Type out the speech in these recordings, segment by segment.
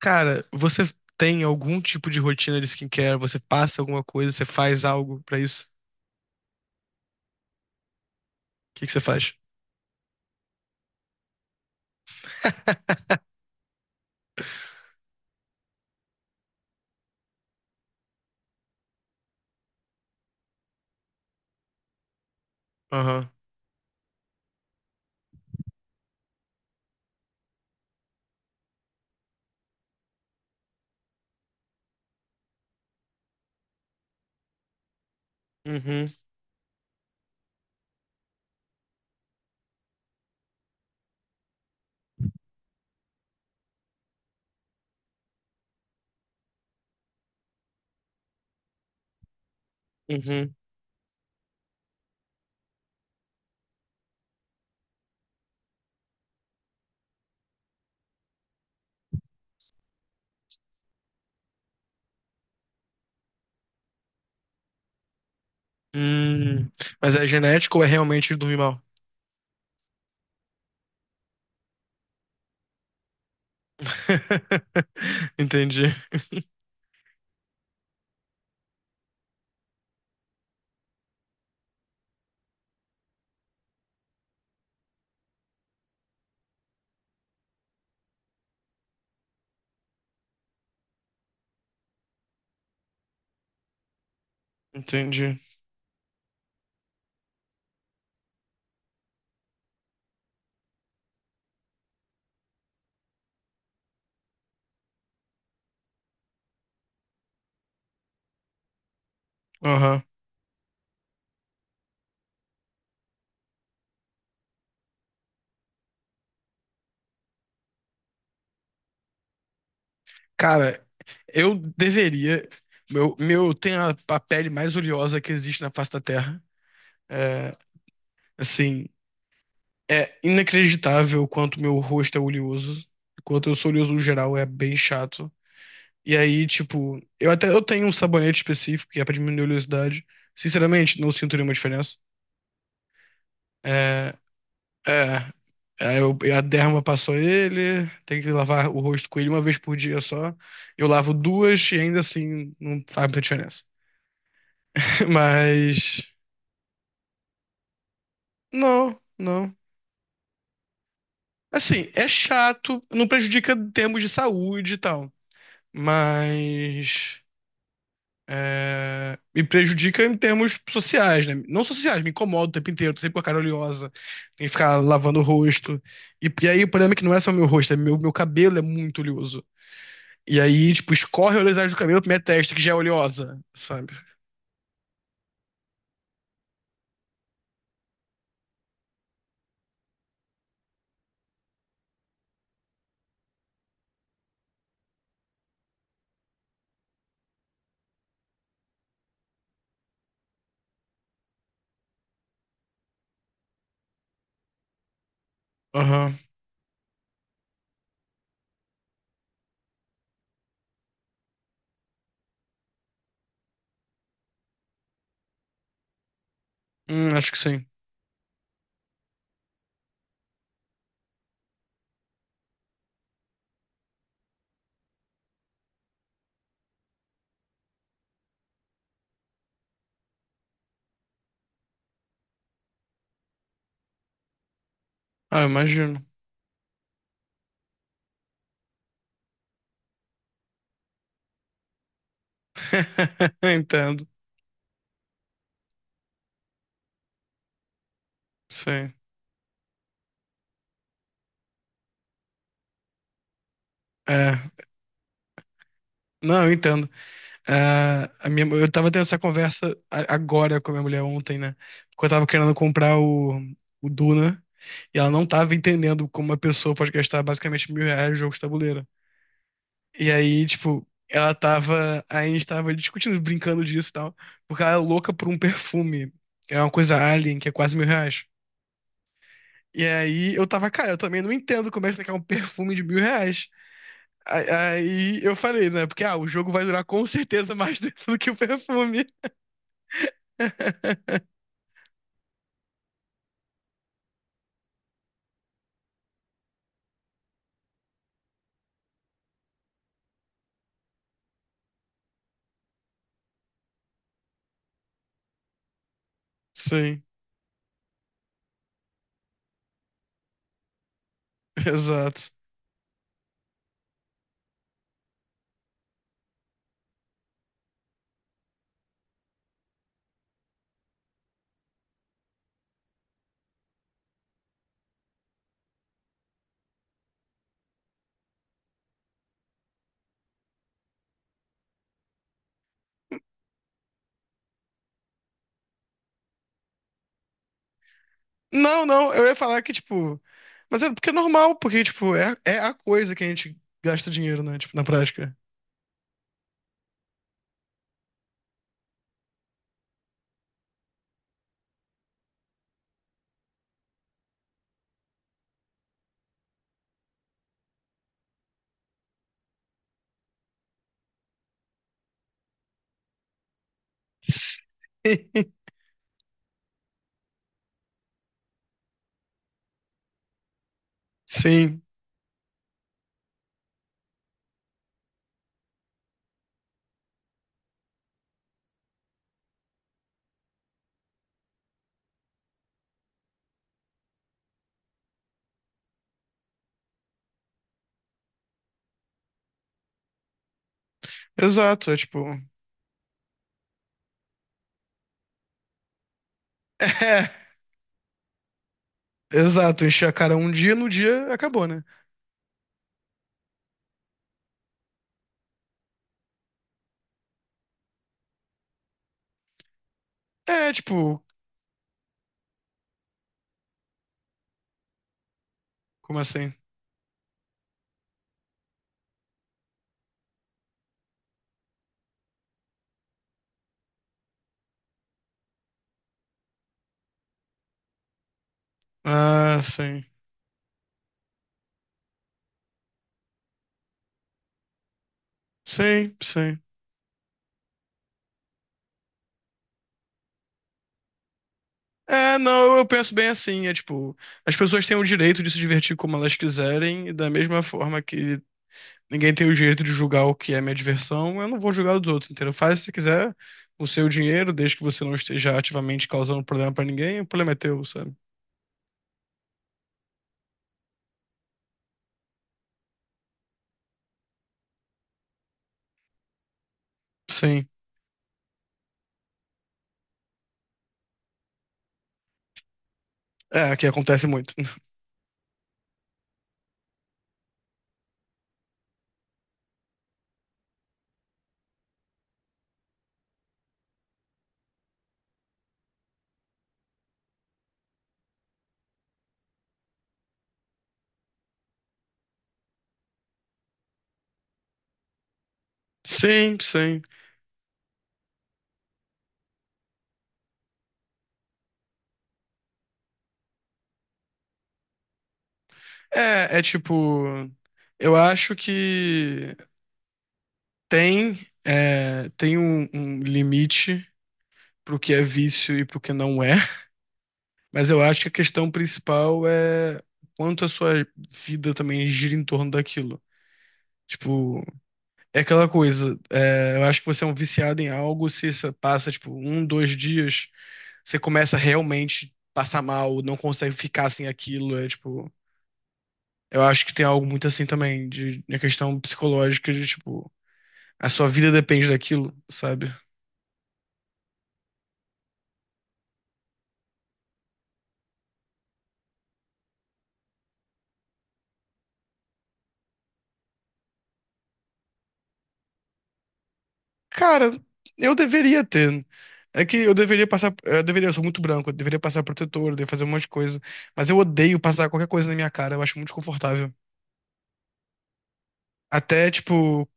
Cara, você tem algum tipo de rotina de skincare? Você passa alguma coisa? Você faz algo pra isso? O que que você faz? Aham. Uhum. Uhum. Hum. Mas é genético ou é realmente dormir mal? Entendi. Entendi. Aham. Cara, eu deveria. Meu, tem a pele mais oleosa que existe na face da Terra. É, assim, é inacreditável o quanto meu rosto é oleoso. O quanto eu sou oleoso no geral, é bem chato. E aí, tipo, eu até eu tenho um sabonete específico que é pra diminuir a oleosidade. Sinceramente, não sinto nenhuma diferença. É, é, eu, a derma passou ele, tem que lavar o rosto com ele uma vez por dia só. Eu lavo duas e ainda assim não faz muita diferença. Mas, não, não. Assim, é chato, não prejudica em termos de saúde e tal. Mas, é, me prejudica em termos sociais, né? Não só sociais, me incomoda o tempo inteiro, tô sempre com a cara oleosa, tem que ficar lavando o rosto. E aí o problema é que não é só meu rosto, é meu cabelo é muito oleoso. E aí, tipo, escorre a oleosidade do cabelo pra minha testa, que já é oleosa, sabe? Aham. Acho que sim. Ah, eu imagino. Entendo. Sim. É. Não, eu entendo. Ah, a minha, eu tava tendo essa conversa agora com a minha mulher ontem, né? Porque eu tava querendo comprar o Duna e ela não tava entendendo como uma pessoa pode gastar basicamente R$ 1.000 no jogo de tabuleiro. E aí, tipo, ela tava. A gente tava discutindo, brincando disso e tal, porque ela é louca por um perfume. É uma coisa alien, que é quase R$ 1.000. E aí eu tava, cara, eu também não entendo como é que você quer um perfume de R$ 1.000. Aí eu falei, né? Porque ah, o jogo vai durar com certeza mais do que o perfume. Sim, exato. Não, não, eu ia falar que, tipo. Mas é porque é normal, porque, tipo, é, é a coisa que a gente gasta dinheiro, né? Tipo, na prática. Sim, exato. É, tipo. É, exato. Encher a cara um dia, no dia acabou, né? É, tipo. Como assim? Ah, sim. Sim, sim. É, não, eu penso bem assim. É, tipo, as pessoas têm o direito de se divertir como elas quiserem, e da mesma forma que ninguém tem o direito de julgar o que é minha diversão, eu não vou julgar os outros, entendeu? Faz se você quiser o seu dinheiro, desde que você não esteja ativamente causando problema pra ninguém, o problema é teu, sabe? Sim. É, que acontece muito. Sim, sim. É, é tipo, eu acho que tem, é, tem um limite pro que é vício e pro que não é, mas eu acho que a questão principal é quanto a sua vida também gira em torno daquilo. Tipo, é aquela coisa, é, eu acho que você é um viciado em algo, se isso passa, tipo, um, dois dias, você começa a realmente passar mal, não consegue ficar sem aquilo, é tipo... Eu acho que tem algo muito assim também, de, na questão psicológica, de, tipo, a sua vida depende daquilo, sabe? Cara, eu deveria ter. É que eu deveria passar... Eu deveria, eu sou muito branco, eu deveria passar protetor, eu deveria fazer um monte de coisa, mas eu odeio passar qualquer coisa na minha cara, eu acho muito desconfortável. Até, tipo,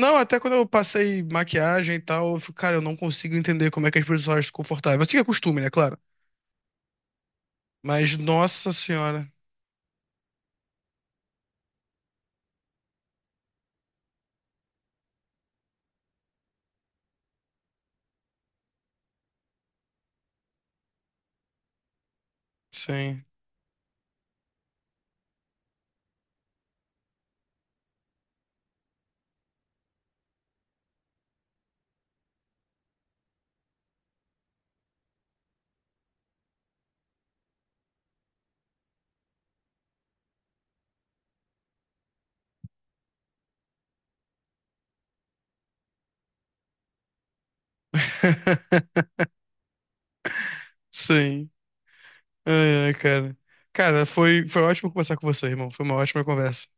não, até quando eu passei maquiagem e tal, eu fico, cara, eu não consigo entender como é que as pessoas acham confortável. Assim que é costume, né, claro. Mas, nossa senhora, sim. Sim. Ai, ai, cara. Cara, foi ótimo conversar com você, irmão. Foi uma ótima conversa.